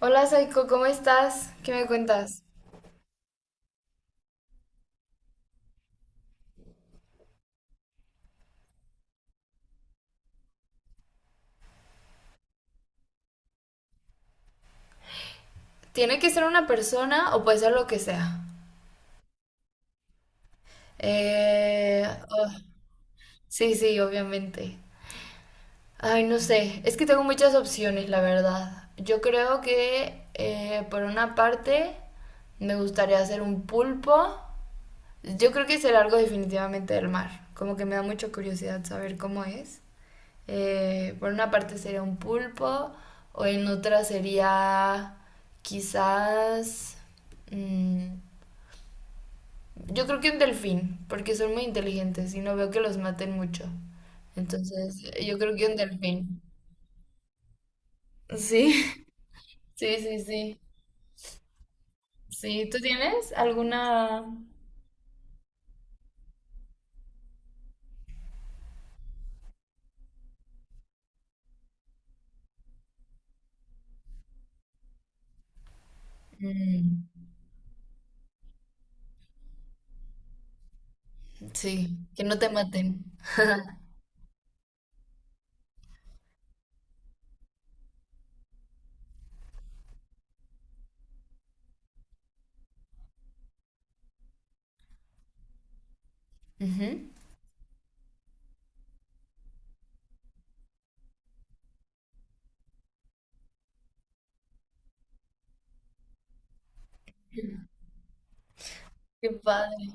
Hola Saiko, ¿cómo estás? ¿Qué me cuentas? ¿Tiene que ser una persona o puede ser lo que sea? Eh, oh, sí, sí, obviamente. Ay, no sé, es que tengo muchas opciones, la verdad. Yo creo que por una parte me gustaría hacer un pulpo. Yo creo que es el algo definitivamente del mar. Como que me da mucha curiosidad saber cómo es. Por una parte sería un pulpo, o en otra sería quizás, mm, yo creo que un delfín, porque son muy inteligentes y no veo que los maten mucho. Entonces, yo creo que un delfín. Sí, sí, sí, sí. Sí, ¿tú tienes alguna... Mm, sí, que no te maten? Ujú. Qué padre.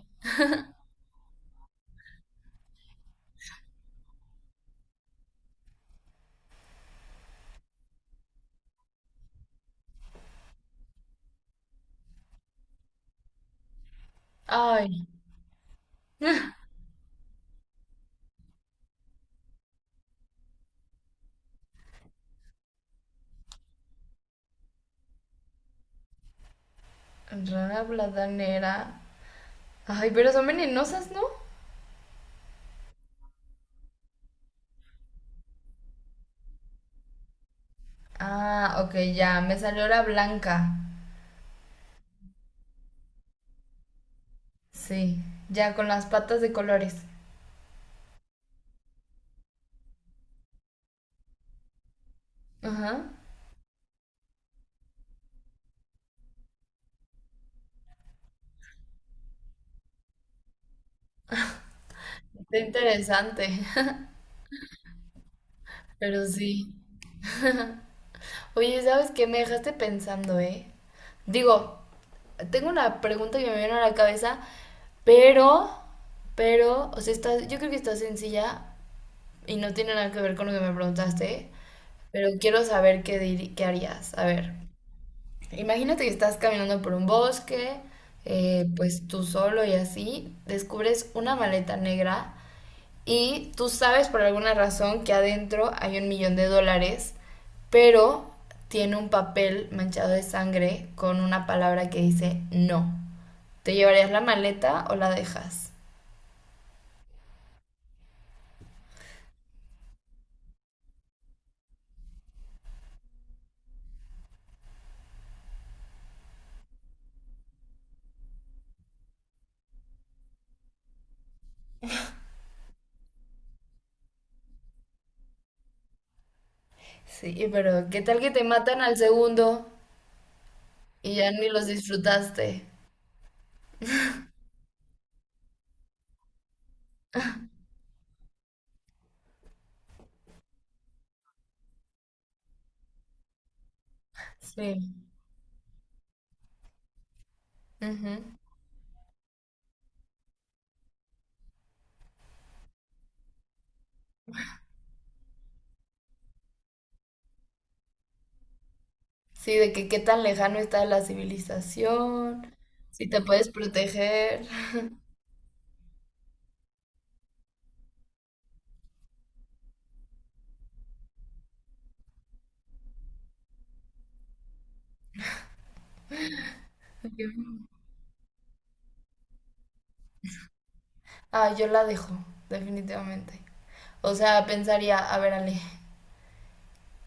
Ay. Rara bladanera. Ay, pero son venenosas, ¿no? Ah, ok, ya. Me salió la blanca. Sí, ya con las patas de colores. Ajá. Está interesante. Pero sí. Oye, ¿sabes qué? Me dejaste pensando, ¿eh? Digo, tengo una pregunta que me viene a la cabeza, pero, pero o sea, está, yo creo que está sencilla y no tiene nada que ver con lo que me preguntaste, pero quiero saber qué, qué harías. A ver. Imagínate que estás caminando por un bosque, pues tú solo y así, descubres una maleta negra y tú sabes por alguna razón que adentro hay $1,000,000, pero tiene un papel manchado de sangre con una palabra que dice no. ¿Te llevarías la maleta o la dejas? Sí, pero ¿qué tal que te matan al segundo y ya ni los disfrutaste? Sí. Ujú. Sí, de que qué tan lejano está la civilización, si te puedes proteger. Ah, yo la dejo, definitivamente. O sea, pensaría, a ver, Ale,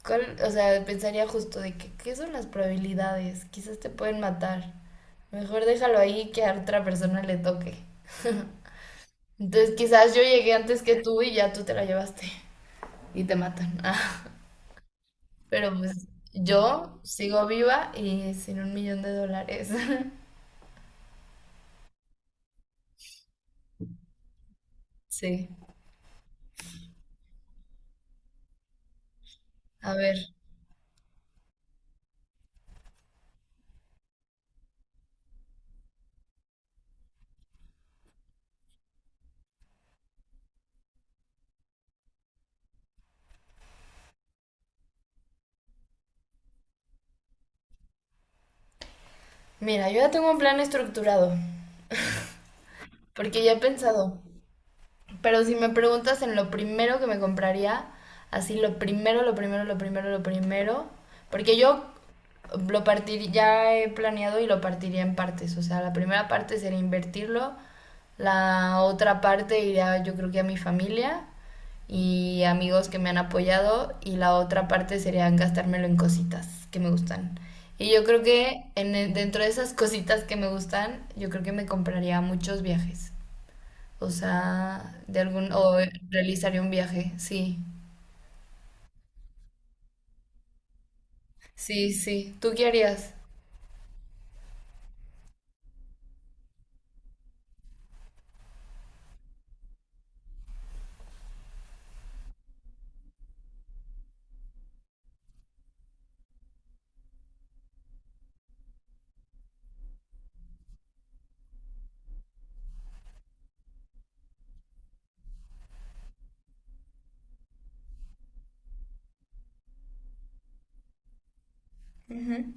¿cuál- o sea, pensaría justo de que, qué son las probabilidades, quizás te pueden matar. Mejor déjalo ahí que a otra persona le toque. Entonces, quizás yo llegué antes que tú y ya tú te la llevaste y te matan. Ah, pero pues yo sigo viva y sin $1,000,000. Sí, a ver. Mira, yo ya tengo un plan estructurado, porque ya he pensado, pero si me preguntas en lo primero que me compraría, así lo primero, lo primero, lo primero, lo primero, porque yo lo partiría, ya he planeado y lo partiría en partes, o sea, la primera parte sería invertirlo, la otra parte iría yo creo que a mi familia y amigos que me han apoyado y la otra parte sería gastármelo en cositas que me gustan. Y yo creo que en, dentro de esas cositas que me gustan, yo creo que me compraría muchos viajes. O sea, de algún, o realizaría un viaje, sí. Sí, sí. ¿Tú qué harías? Ujú.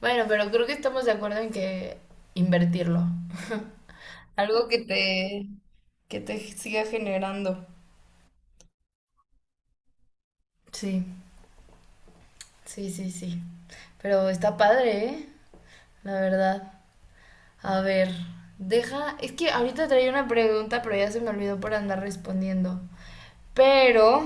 Bueno, pero creo que estamos de acuerdo en que invertirlo. Algo que te siga generando. Sí, sí, sí, sí. Pero está padre, ¿eh? La verdad. A ver, deja. Es que ahorita traía una pregunta, pero ya se me olvidó por andar respondiendo. Pero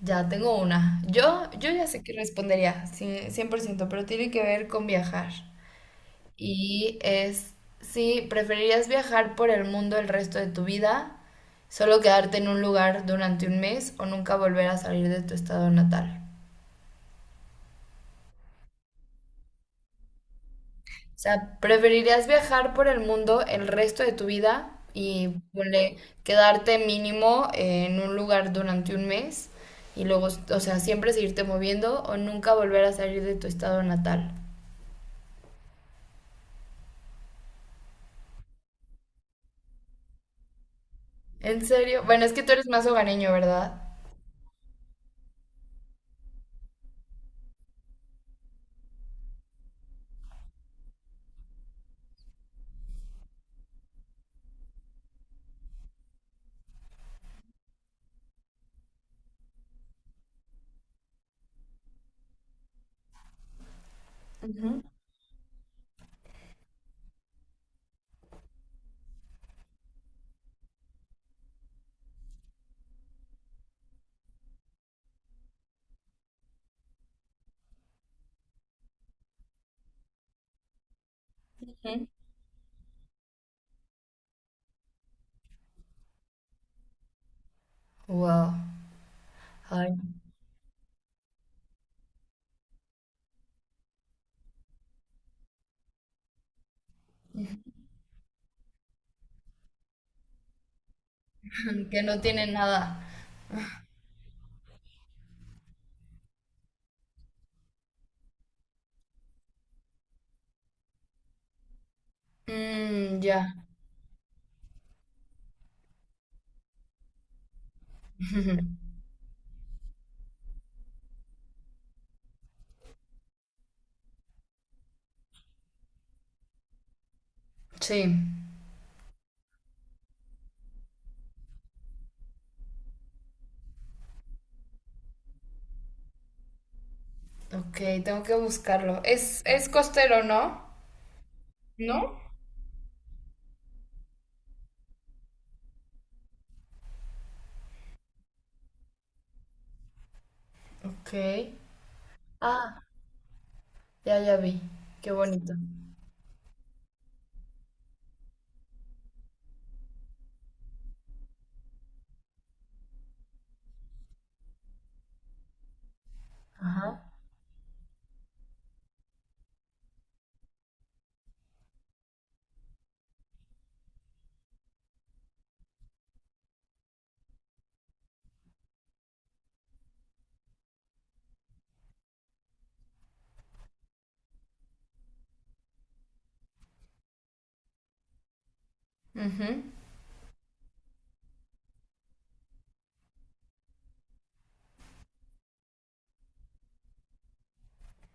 ya tengo una. Yo ya sé que respondería, sí, 100% pero tiene que ver con viajar. Y es si preferirías viajar por el mundo el resto de tu vida, solo quedarte en un lugar durante un mes o nunca volver a salir de tu estado natal. O sea, preferirías viajar por el mundo el resto de tu vida y ponle, quedarte mínimo en un lugar durante un mes y luego, o sea, siempre seguirte moviendo o nunca volver a salir de tu estado natal. ¿En serio? Bueno, es que tú eres más hogareño, ¿verdad? Ujú. Wow. Ay, que no tiene nada. Mm, ya. Sí. Ok, tengo que buscarlo. Es costero, ¿no? ¿No? Ok. Ah, ya, ya vi. Qué bonito. Ajá. Ujú.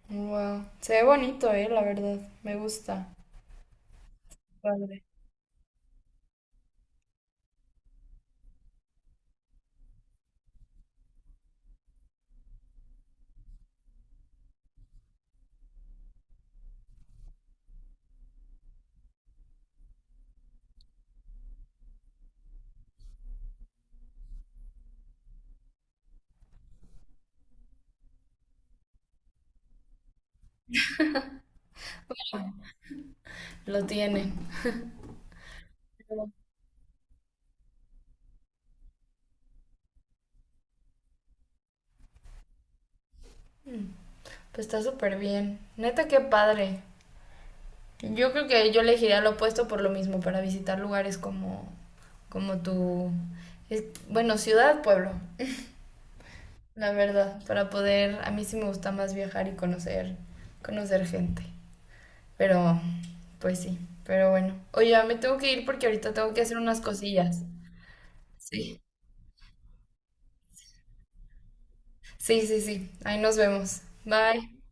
Wow. Se ve bonito, la verdad. Me gusta. Padre. Lo tiene. Pues está súper bien. Neta, qué padre. Yo creo que yo elegiría lo opuesto por lo mismo, para visitar lugares como, como tu, bueno, ciudad, pueblo, la verdad, para poder, a mí sí me gusta más viajar y conocer, conocer gente, pero, pues sí, pero bueno. Oye, ya me tengo que ir porque ahorita tengo que hacer unas cosillas. Sí, sí, sí, sí, ahí nos vemos. Bye.